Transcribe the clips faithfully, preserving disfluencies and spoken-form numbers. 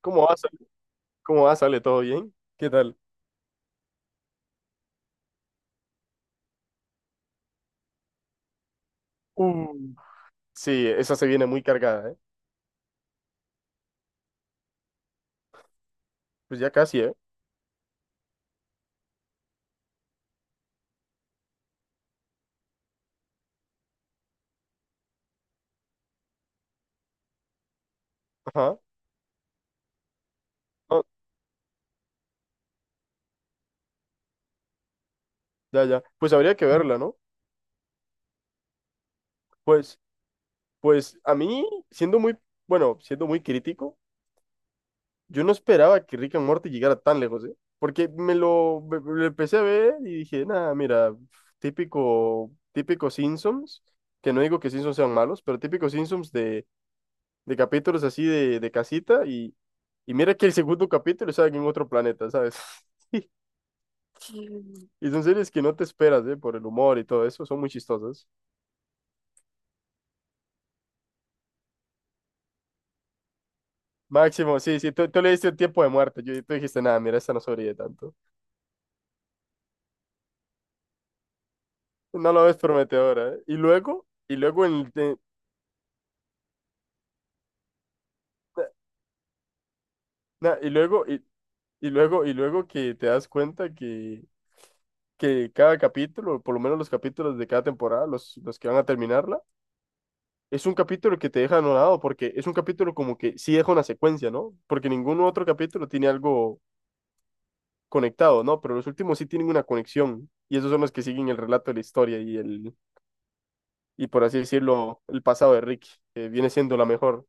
¿Cómo va, Sale? ¿Cómo va? ¿Sale todo bien? ¿Qué tal? Sí, esa se viene muy cargada, ¿eh? Pues ya casi, ¿eh? Ajá. Ah, ya, ya. Pues habría que verla, ¿no? Pues, pues a mí, siendo muy, bueno, siendo muy crítico, yo no esperaba que Rick and Morty llegara tan lejos, ¿eh? Porque me lo, me- me lo empecé a ver y dije, nada, mira, típico, típico Simpsons, que no digo que Simpsons sean malos, pero típico Simpsons de, de capítulos así de, de casita y, y mira que el segundo capítulo sale en otro planeta, ¿sabes? Y son series que no te esperas, ¿eh? Por el humor y todo eso, son muy chistosas. Máximo, sí, sí, tú, tú le diste el tiempo de muerte, yo, tú dijiste, nada, mira, esta no sobrevive tanto. No lo ves prometedora, ¿eh? Y luego, y luego, en, de- na- y luego, y, y luego, y luego que te das cuenta que, que cada capítulo, por lo menos los capítulos de cada temporada, los, los que van a terminarla, es un capítulo que te deja anonadado, porque es un capítulo como que sí deja una secuencia, ¿no? Porque ningún otro capítulo tiene algo conectado, ¿no? Pero los últimos sí tienen una conexión y esos son los que siguen el relato de la historia y el, y por así decirlo, el pasado de Rick, que viene siendo la mejor.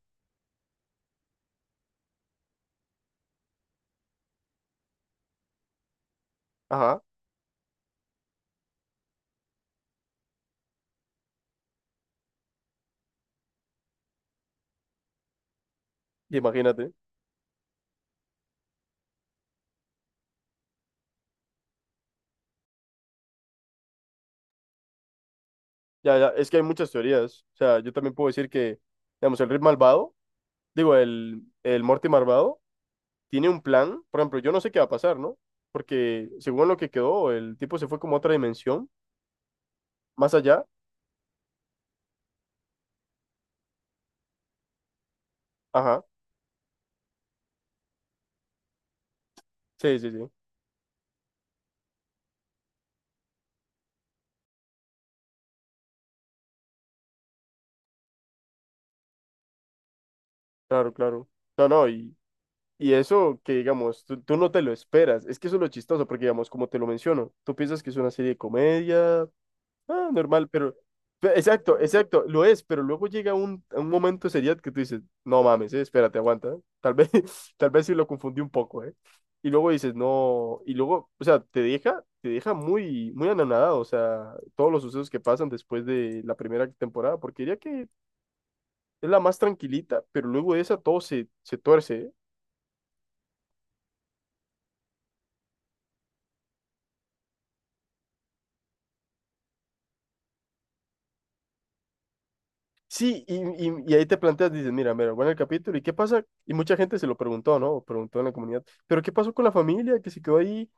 Ajá, imagínate. Ya, ya, es que hay muchas teorías. O sea, yo también puedo decir que, digamos, el Rick malvado, digo, el, el Morty malvado, tiene un plan. Por ejemplo, yo no sé qué va a pasar, ¿no? Porque según lo que quedó, el tipo se fue como a otra dimensión, más allá. Ajá, sí, sí, sí, claro, claro. No, no, y Y eso que, digamos, tú, tú no te lo esperas. Es que eso es lo chistoso, porque, digamos, como te lo menciono, tú piensas que es una serie de comedia, ah, normal, pero... pe- Exacto, exacto, lo es, pero luego llega un, un momento de seriedad que tú dices, no mames, eh, espérate, aguanta. eh". Tal vez, tal vez sí lo confundí un poco, ¿eh? Y luego dices, no, y luego, o sea, te deja, te deja muy, muy anonadado, o sea, todos los sucesos que pasan después de la primera temporada, porque diría que es la más tranquilita, pero luego de esa todo se, se tuerce, eh. Sí, y, y- y ahí te planteas, dices, mira, mira, bueno, el capítulo, ¿y qué pasa? Y mucha gente se lo preguntó, ¿no? O preguntó en la comunidad, ¿pero qué pasó con la familia que se quedó ahí?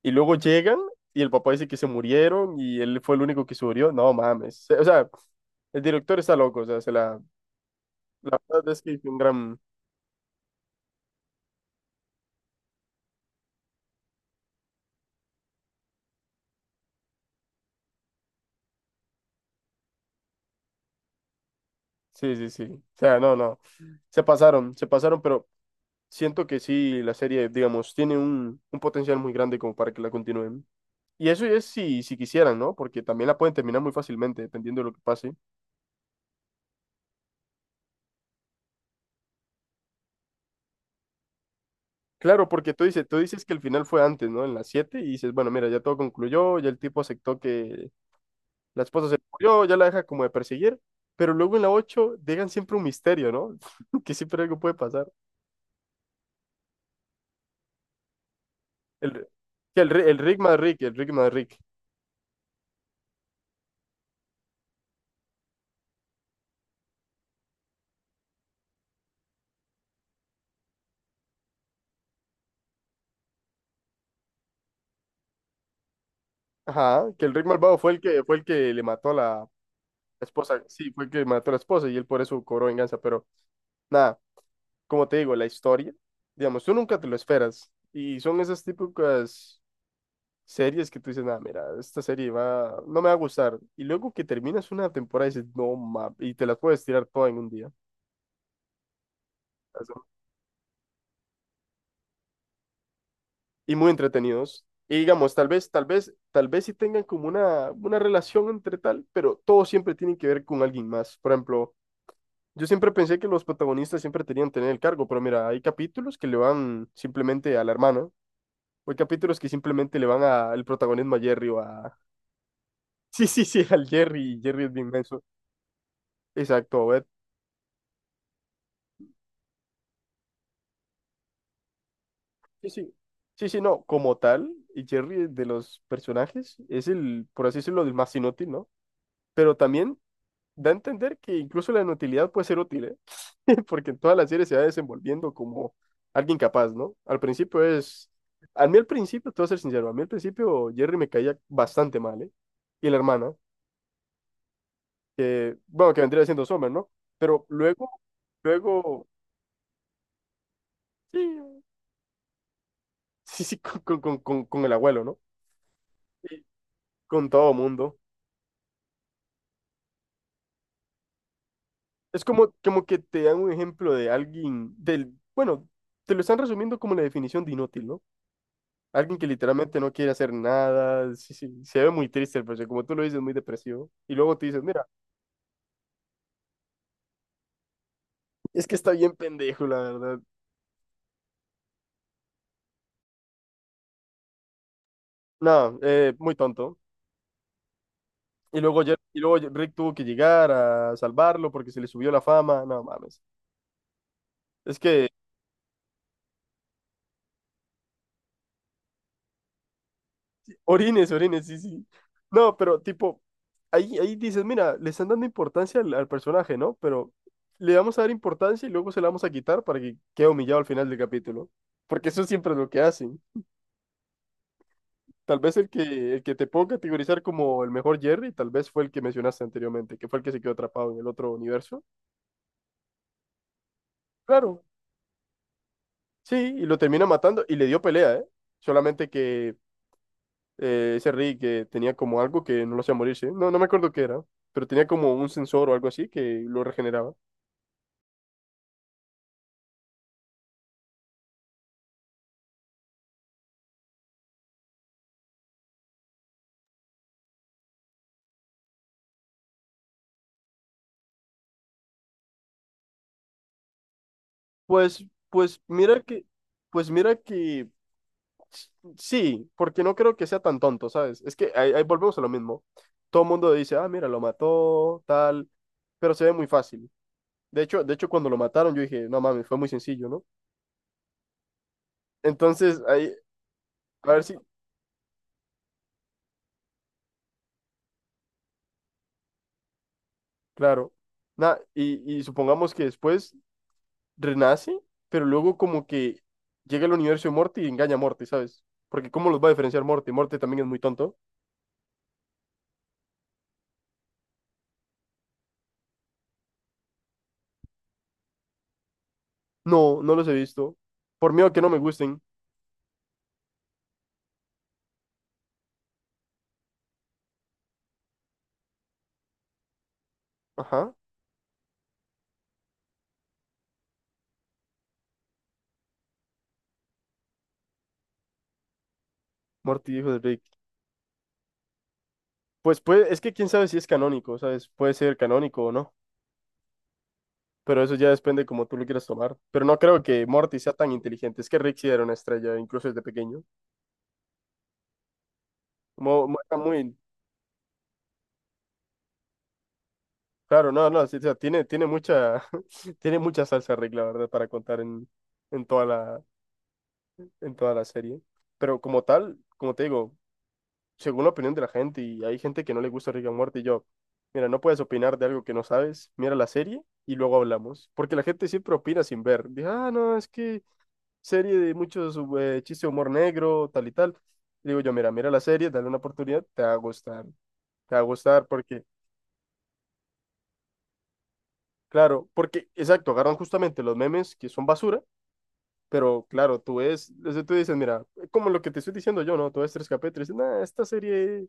Y luego llegan y el papá dice que se murieron y él fue el único que sobrevivió. No mames. O sea, el director está loco, o sea, se la... La verdad es que hizo un gran... Sí, sí, sí. O sea, no, no. Se pasaron, se pasaron, pero siento que sí, la serie, digamos, tiene un, un potencial muy grande como para que la continúen. Y eso es si, si quisieran, ¿no? Porque también la pueden terminar muy fácilmente, dependiendo de lo que pase. Claro, porque tú dices, tú dices que el final fue antes, ¿no? En las siete y dices, bueno, mira, ya todo concluyó, ya el tipo aceptó que la esposa se murió, ya la deja como de perseguir, pero luego en la ocho dejan siempre un misterio, ¿no? Que siempre algo puede pasar. El, que el, Ri- el Rick más Rick, el Rick más Rick. Ajá, que el Rick malvado fue el que fue el que le mató a la esposa, sí, fue el que mató a la esposa y él por eso cobró venganza, pero nada, como te digo, la historia, digamos, tú nunca te lo esperas y son esas típicas series que tú dices, nada, mira, esta serie va, no me va a gustar. Y luego que terminas una temporada dices, no mames, y te las puedes tirar todas en un día. Eso. Y muy entretenidos. Y digamos, tal vez, tal vez, tal vez sí tengan como una, una relación entre tal, pero todos siempre tienen que ver con alguien más. Por ejemplo, yo siempre pensé que los protagonistas siempre tenían que tener el cargo, pero mira, hay capítulos que le van simplemente a la hermana, o hay capítulos que simplemente le van a al protagonismo a Jerry o a... Sí, sí, sí, al Jerry, y Jerry es bien menso. Exacto, Sí, sí. Sí, sí, no, como tal, y Jerry de los personajes es el, por así decirlo, el más inútil, ¿no? Pero también da a entender que incluso la inutilidad puede ser útil, ¿eh? Porque en toda la serie se va desenvolviendo como alguien capaz, ¿no? Al principio es, a mí al principio, te voy a ser sincero, a mí al principio Jerry me caía bastante mal, ¿eh? Y la hermana, que, bueno, que vendría siendo Summer, ¿no? Pero luego, luego, sí, sí, sí, con, con, con, con con el abuelo, ¿no? Y con todo mundo. Es como, como que te dan un ejemplo de alguien del, bueno, te lo están resumiendo como la definición de inútil, ¿no? Alguien que literalmente no quiere hacer nada, sí, sí, se ve muy triste, pero como tú lo dices, muy depresivo. Y luego te dices, mira, es que está bien pendejo, la verdad. No, eh, muy tonto. Y luego, ya- y luego Rick tuvo que llegar a salvarlo porque se le subió la fama. No mames. Es que orines, orines, sí, sí. No, pero tipo, ahí, ahí dices, mira, le están dando importancia al, al personaje, ¿no? Pero le vamos a dar importancia y luego se la vamos a quitar para que quede humillado al final del capítulo. Porque eso siempre es lo que hacen. Tal vez el que, el que te puedo categorizar como el mejor Jerry, tal vez fue el que mencionaste anteriormente, que fue el que se quedó atrapado en el otro universo. Claro, sí, y lo termina matando y le dio pelea, ¿eh? Solamente que eh, ese Rey que tenía como algo que no lo hacía morirse. No, no me acuerdo qué era, pero tenía como un sensor o algo así que lo regeneraba. Pues, pues mira que, pues mira que s- sí, porque no creo que sea tan tonto, ¿sabes? Es que ahí, ahí volvemos a lo mismo. Todo el mundo dice, ah, mira, lo mató, tal, pero se ve muy fácil. De hecho, de hecho, cuando lo mataron, yo dije, no mames, fue muy sencillo, ¿no? Entonces, ahí, a ver si, claro. Nah, y, y supongamos que después renace, pero luego como que llega al universo de Morty y engaña a Morty, ¿sabes? Porque ¿cómo los va a diferenciar Morty? Morty también es muy tonto. No, no los he visto. Por miedo a que no me gusten. Ajá, Morty, hijo de Rick. Pues puede, es que quién sabe si es canónico, ¿sabes? Puede ser canónico o no. Pero eso ya depende como tú lo quieras tomar. Pero no creo que Morty sea tan inteligente. Es que Rick sí era una estrella, incluso desde pequeño. Mo- mo- Era muy... Claro, no, no, sí, o sea, tiene, tiene mucha, tiene mucha salsa Rick, la verdad, para contar en, en toda la, en toda la serie. Pero como tal, como te digo, según la opinión de la gente, y hay gente que no le gusta Rick and Morty, y yo, mira, no puedes opinar de algo que no sabes, mira la serie y luego hablamos. Porque la gente siempre opina sin ver. Dice, ah, no, es que serie de muchos eh, chistes de humor negro, tal y tal. Y digo yo, mira, mira la serie, dale una oportunidad, te va a gustar. Te va a gustar porque, claro, porque, exacto, agarran justamente los memes que son basura. Pero claro, tú ves, desde tú dices, mira, como lo que te estoy diciendo yo, ¿no? Tú ves tres K P, te dices, nah, esta serie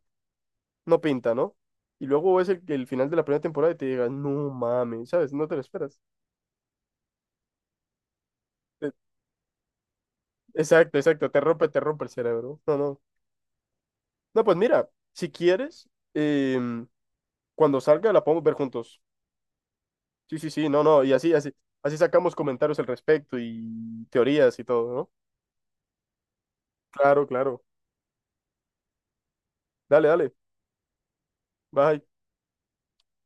no pinta, ¿no? Y luego es el, el final de la primera temporada y te digas, no mames, ¿sabes? No te lo esperas. Eh, Exacto, exacto, te rompe, te rompe el cerebro. No, no. No, pues mira, si quieres, em, cuando salga la podemos ver juntos. Sí, sí, sí, no, no, y así, así, así sacamos comentarios al respecto y teorías y todo, ¿no? Claro, claro. Dale, dale. Bye.